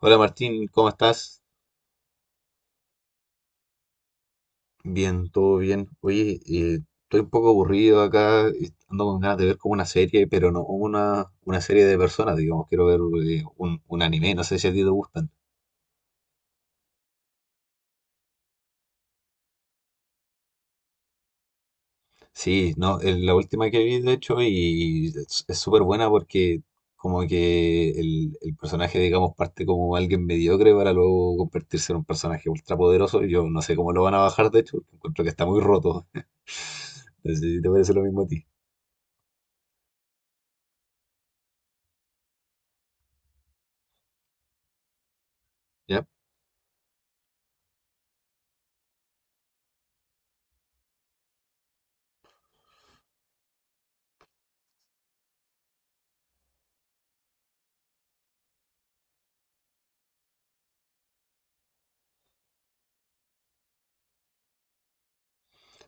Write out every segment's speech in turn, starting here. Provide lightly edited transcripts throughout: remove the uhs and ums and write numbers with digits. Hola Martín, ¿cómo estás? Bien, todo bien. Oye, estoy un poco aburrido acá, y ando con ganas de ver como una serie, pero no una serie de personas, digamos, quiero ver un anime, no sé si a ti te gustan. Sí, no, es la última que vi de hecho y es súper buena porque como que el personaje, digamos, parte como alguien mediocre para luego convertirse en un personaje ultrapoderoso. Yo no sé cómo lo van a bajar, de hecho, porque encuentro que está muy roto. No sé si te parece lo mismo a ti. ¿Ya?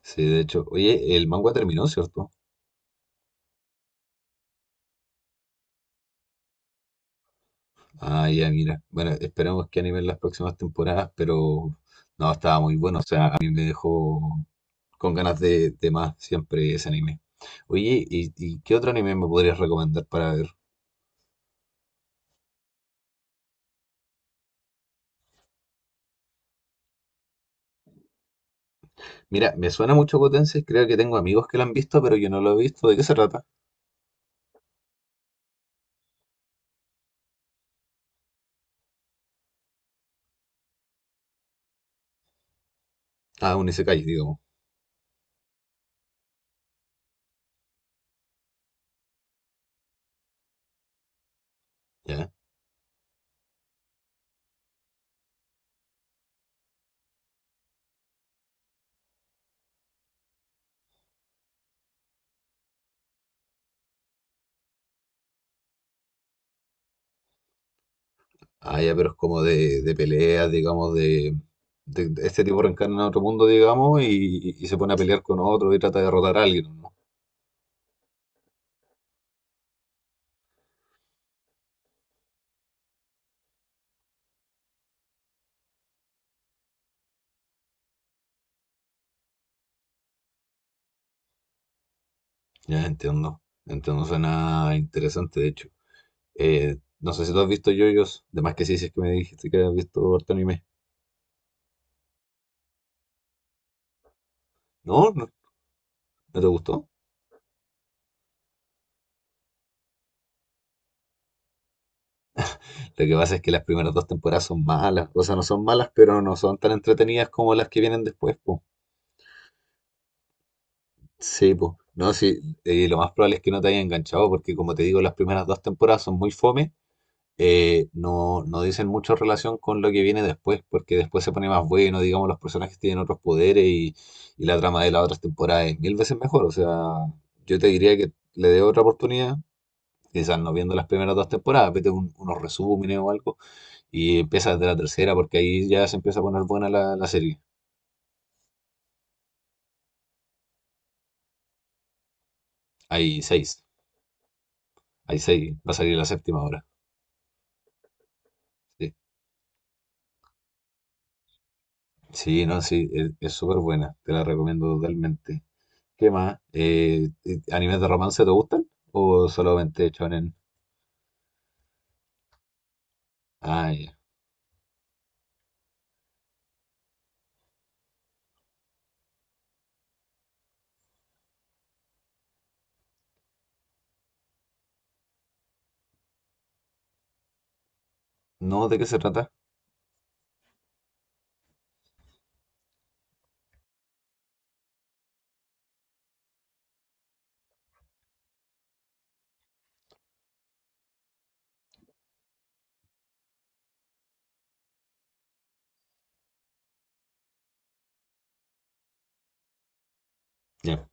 Sí, de hecho. Oye, el manga terminó, ¿cierto? Ah, ya, mira. Bueno, esperemos que animen las próximas temporadas, pero no, estaba muy bueno. O sea, a mí me dejó con ganas de más siempre ese anime. Oye, ¿y qué otro anime me podrías recomendar para ver? Mira, me suena mucho Potencia, creo que tengo amigos que lo han visto, pero yo no lo he visto. ¿De qué se trata? Ah, un isekai, digamos. Ya. Ah, ya, pero es como de peleas, digamos, de, de este tipo reencarna en otro mundo, digamos, y se pone a pelear con otro y trata de derrotar a alguien, ¿no? Ya entiendo. Entiendo, suena interesante, de hecho. No sé si tú has visto yoyos, de más que sí, si es que me dijiste que has visto harto anime. No, no, no te gustó. Lo que pasa es que las primeras dos temporadas son malas, o sea, no son malas, pero no son tan entretenidas como las que vienen después, po. Sí, pues. No, sí, lo más probable es que no te haya enganchado, porque como te digo, las primeras dos temporadas son muy fome. No, no dicen mucho en relación con lo que viene después, porque después se pone más bueno, digamos, los personajes tienen otros poderes y la trama de las otras temporadas es mil veces mejor. O sea, yo te diría que le dé otra oportunidad, quizás no viendo las primeras dos temporadas, vete unos resúmenes o algo y empieza desde la tercera, porque ahí ya se empieza a poner buena la, la serie. Hay seis, hay seis, va a salir la séptima ahora. Sí, sí, no, sí, es súper buena, te la recomiendo totalmente. ¿Qué más? ¿Animes de romance te gustan? ¿O solamente shonen? Ah, ya. No, ¿de qué se trata? Ya.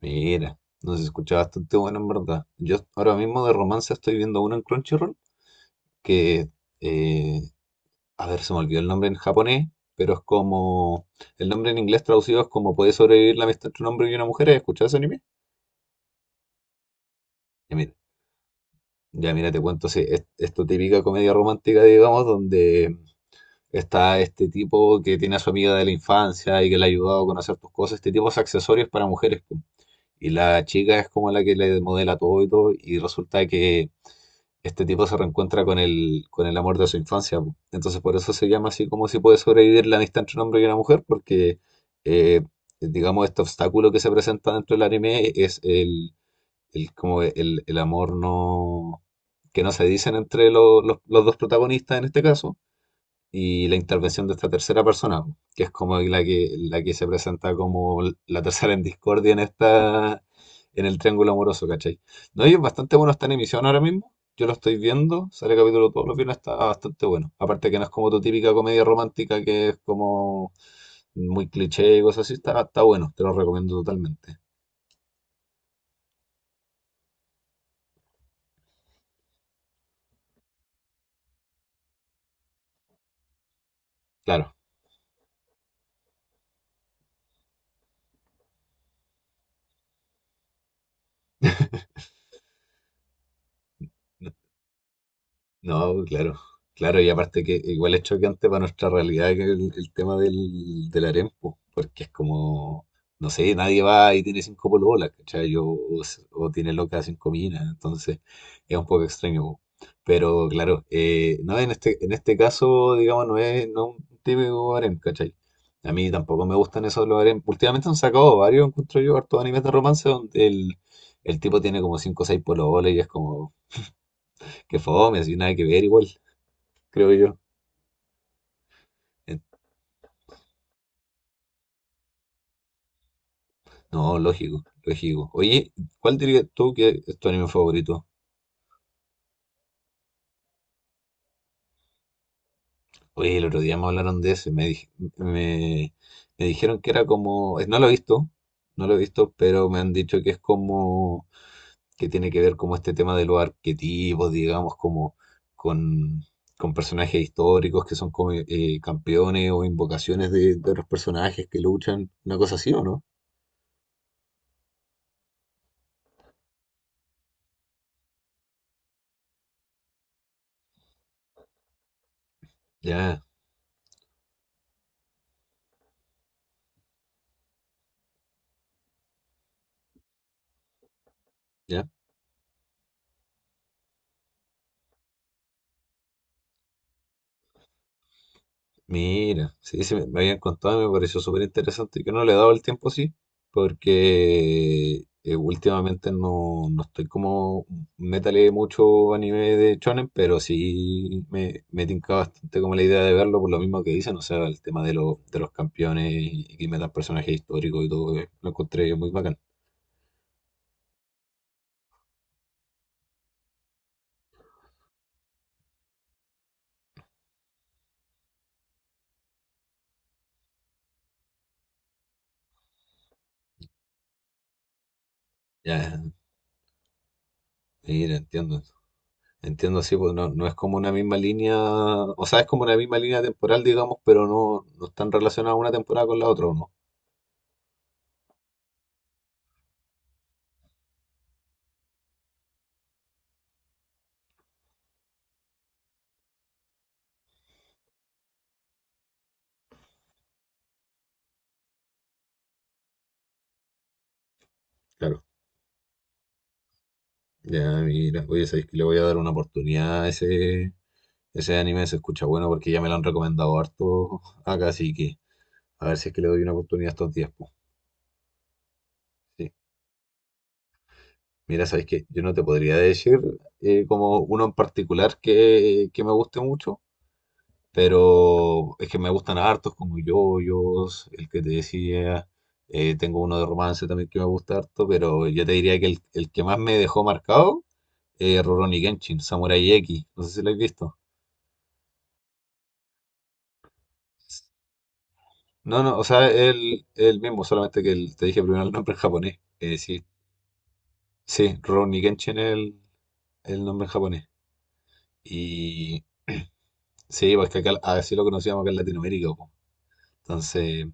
Mira, nos escucha bastante bueno en verdad. Yo ahora mismo de romance estoy viendo uno en Crunchyroll que, eh, a ver, se me olvidó el nombre en japonés, pero es como, el nombre en inglés traducido es como ¿Puede sobrevivir la amistad entre un hombre y una mujer? ¿Has escuchado ese anime? Ya mira, ya mira, te cuento, sí, es tu típica comedia romántica, digamos, donde está este tipo que tiene a su amiga de la infancia y que le ha ayudado a conocer tus cosas. Este tipo es accesorios para mujeres, po. Y la chica es como la que le modela todo y todo. Y resulta que este tipo se reencuentra con el amor de su infancia, po. Entonces por eso se llama así como si puede sobrevivir la amistad entre un hombre y una mujer. Porque, eh, digamos, este obstáculo que se presenta dentro del anime es el, como el amor no, que no se dicen entre los dos protagonistas en este caso y la intervención de esta tercera persona, que es como la que se presenta como la tercera en discordia en esta, en el triángulo amoroso, ¿cachai? No, y es bastante bueno, está en emisión ahora mismo. Yo lo estoy viendo, sale capítulo todos los viernes, está bastante bueno. Aparte que no es como tu típica comedia romántica que es como muy cliché y cosas así, está, está bueno, te lo recomiendo totalmente. Claro, no. No, pues, claro, claro, y aparte que igual es choqueante para nuestra realidad que el tema del, del harem, po, porque es como, no sé, nadie va y tiene cinco pololas, ¿cachai? O, o tiene loca cinco minas, entonces es un poco extraño, po. Pero claro, no, en este caso, digamos, no es, no es un típico harem, ¿cachai? A mí tampoco me gustan esos los harem. Últimamente han sacado varios, encuentro yo, hartos animes de romance donde el tipo tiene como cinco o seis pololas y es como que fome, así nada que ver igual creo yo. Eh, No, lógico, lógico. Oye, ¿cuál dirías tú que es tu anime favorito? Oye, el otro día me hablaron de ese, me, me, me dijeron que era como, no lo he visto, no lo he visto, pero me han dicho que es como, que tiene que ver como este tema de los arquetipos, digamos, como con, con personajes históricos que son como campeones o invocaciones de otros personajes que luchan, una cosa así, ¿o no? Ya, ya. Mira, sí, sí, me habían contado y me pareció súper interesante. Yo no le he dado el tiempo así, porque últimamente no, no estoy como, métale mucho anime de shonen, pero sí me tinca bastante como la idea de verlo por lo mismo que dicen, o sea, el tema de, de los campeones y que metan personajes históricos y todo, lo encontré muy bacán. Ya, mira, entiendo. Entiendo, sí, pues no, no es como una misma línea, o sea, es como una misma línea temporal, digamos, pero no, no están relacionadas una temporada con la otra, ¿o no? Claro, ya mira, oye, sabéis que le voy a dar una oportunidad a ese, ese anime, se escucha bueno porque ya me lo han recomendado harto acá, así que a ver si es que le doy una oportunidad estos días, po. Sí. Mira, sabéis que yo no te podría decir como uno en particular que me guste mucho, pero es que me gustan hartos como Yoyos, el que te decía, tengo uno de romance también que me gusta harto, pero yo te diría que el que más me dejó marcado es Rurouni Kenshin, Samurai X, no sé si lo habéis visto. No, no, o sea, él mismo, solamente que te dije primero el nombre en japonés. Sí, sí, Rurouni Kenshin es el nombre en japonés. Y sí, pues que acá así lo conocíamos acá en Latinoamérica, po. Entonces,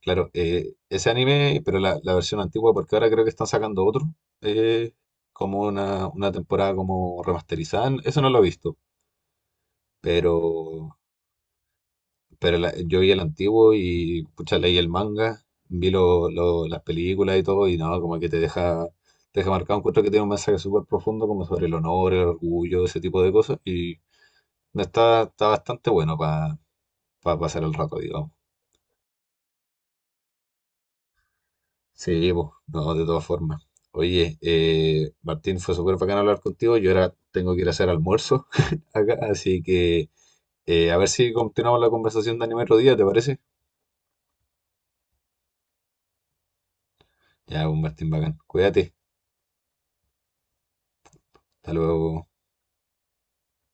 claro, ese anime, pero la versión antigua, porque ahora creo que están sacando otro, eh, como una temporada como remasterizada. Eso no lo he visto, pero Pero yo vi el antiguo y pucha, leí el manga, vi las películas y todo, y no, como que te deja marcado. Encuentro que tiene un mensaje súper profundo, como sobre el honor, el orgullo, ese tipo de cosas, y está, está bastante bueno para pasar el rato, digamos. Sí, pues, no, de todas formas. Oye, Martín, fue súper bacán hablar contigo. Yo ahora tengo que ir a hacer almuerzo acá, así que a ver si continuamos la conversación de anime otro día, ¿te parece? Ya, pues, Martín, bacán. Cuídate. Hasta luego.